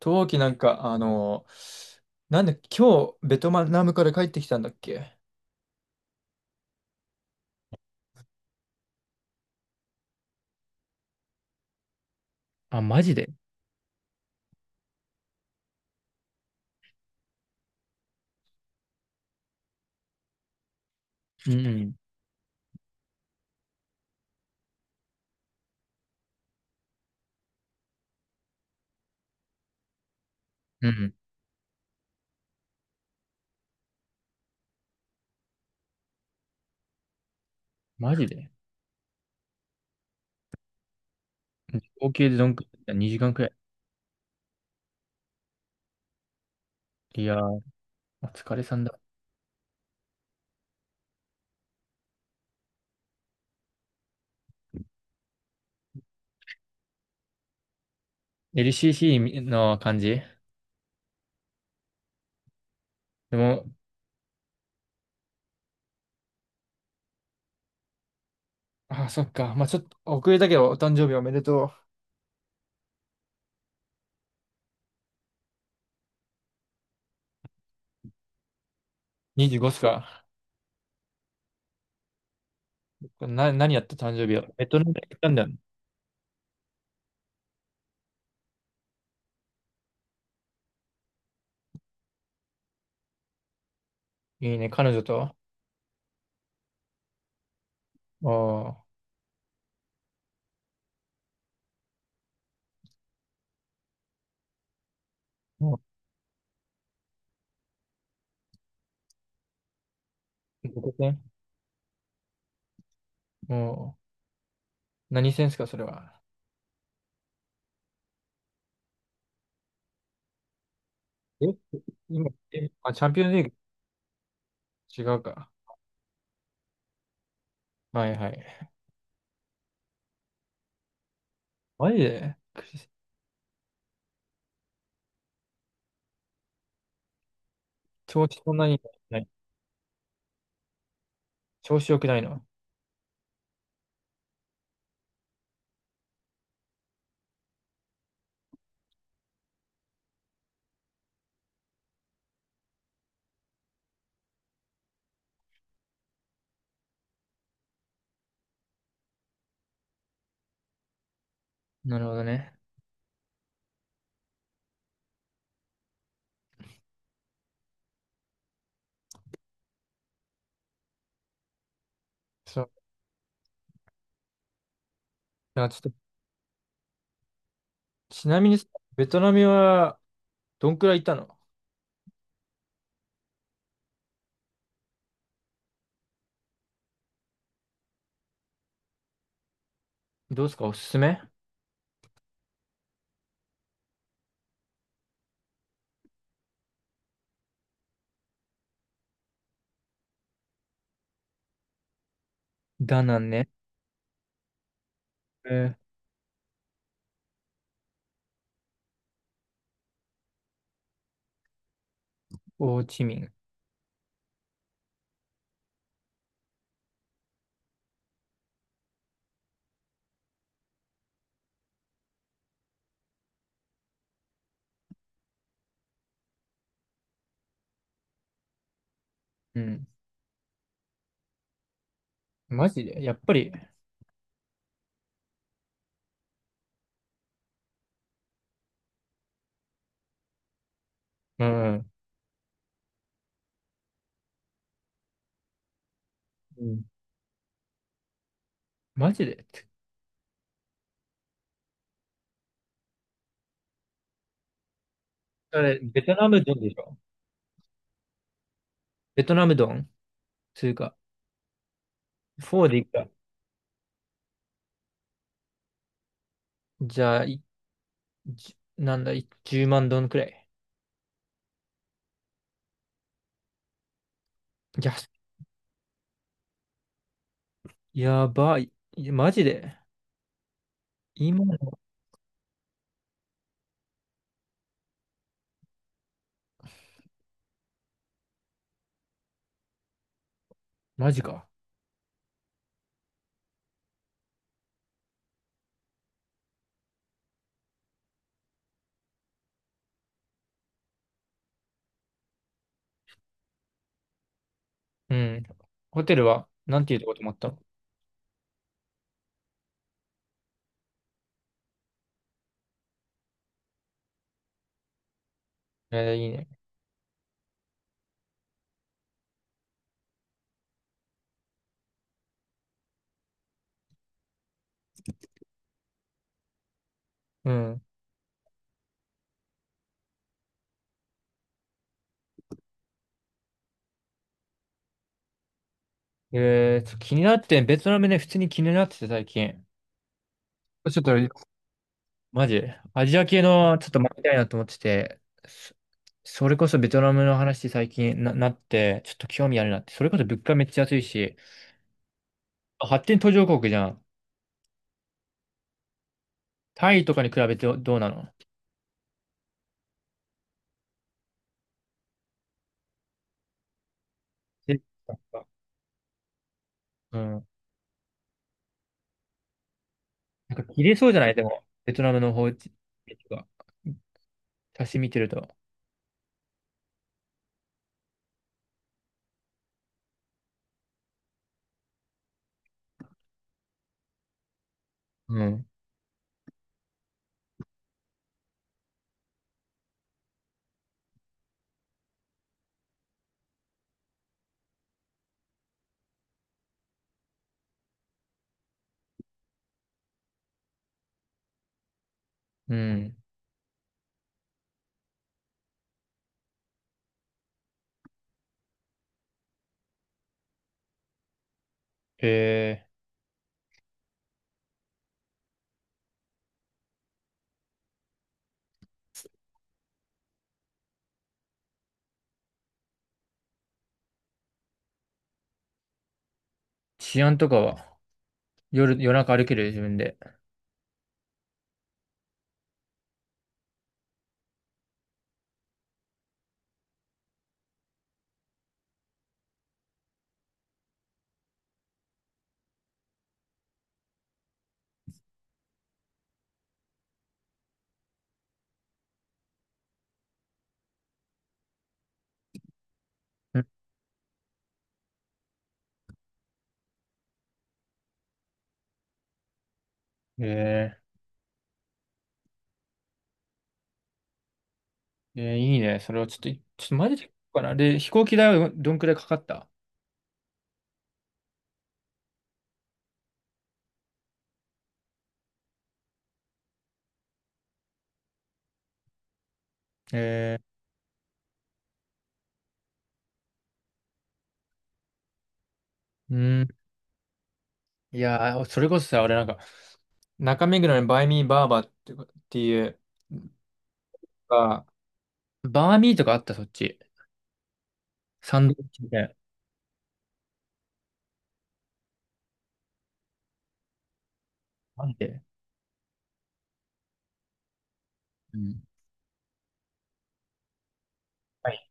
陶器なんか、なんで、今日、ベトナムから帰ってきたんだっけ？あ、マジで。うんうん。うん。マジで。合計でどんくらい？ 2 時間くらい。いやー、お疲れさんだ。LCC の感じでも、あ、そっか。まあちょっと遅れたけど、お誕生日おめでとう。25っすか。何やった誕生日を。ベトナム行ったんだよね。いいね、彼女と。おー、もう、どこ戦もう、何戦っすか、それは。え、今、チャンピオンズリーグ違うか。はいはい。マジで。クリス調子そんなに、ない。調子良くないの。なるほどね。そう。なんかちょっと、ちなみにさ、ベトナムはどんくらいいたの？どうですか、おすすめ？ダナンね。えー、ホーチミン。うん。マジでやっぱり、うん。うん、マジで。あれ、ベトナムドンでしょ？ベトナムドンつうか、フォーでいくか。じゃあ、じなんだ、10万ドンくらい。や、やばい。いやマジで今の、マジか。うん。ホテルは、なんていうとこ泊まったの？いいね。うん。気になって、ベトナムね、普通に気になってて最近。ちょっと、マジ、アジア系のちょっと回りたいなと思ってて、そそれこそベトナムの話最近なって、ちょっと興味あるなって、それこそ物価めっちゃ安いし、発展途上国じゃん。タイとかに比べてどうなの？えうん。なんか切れそうじゃない、でも、ベトナムの方が、私見てると。うん。うん。へえ。治安とかは夜中歩ける自分で？うん。えいいね。それはちょっと、マジで行こうかな。で、飛行機代はどんくらいかかった？えー、うん。いやー、それこそさ、俺なんか、中目黒にバイミーバーバーってかっていう、あ、バーミーとかあった、そっち。サンドイッチみたいな。なんで。うん。はい。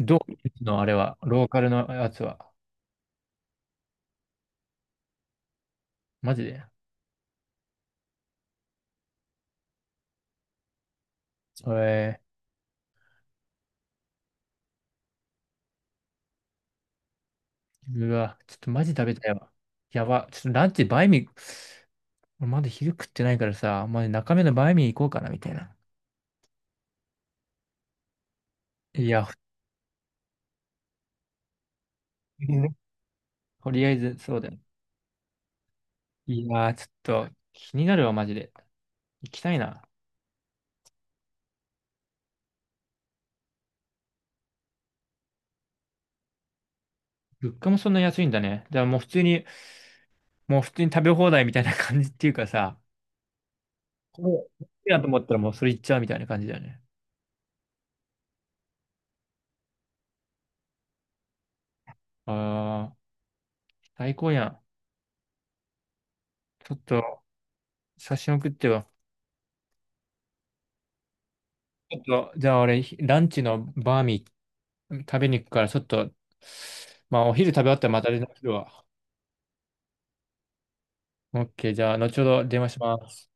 どうのあれは、ローカルのやつは？マジで。えー、うわ、ちょっとマジ食べたいわ。やば。ちょっとランチバイミー、俺まだ昼食ってないからさ、まあ、中目のバイミー行こうかな、みたいな。いや、とりあえず、そうだよ。いやー、ちょっと、気になるわ、マジで。行きたいな。物価もそんな安いんだね。じゃあもう普通に、もう普通に食べ放題みたいな感じっていうかさ、これ、いいなと思ったらもうそれ行っちゃうみたいな感じだよね。ああ、最高やん。ちょっと、写真送ってよ。ちょっと、じゃあ俺、ランチのバーミー食べに行くから、ちょっと、まあお昼食べ終わったらまた連絡するわ。オッケー、じゃあ後ほど電話します。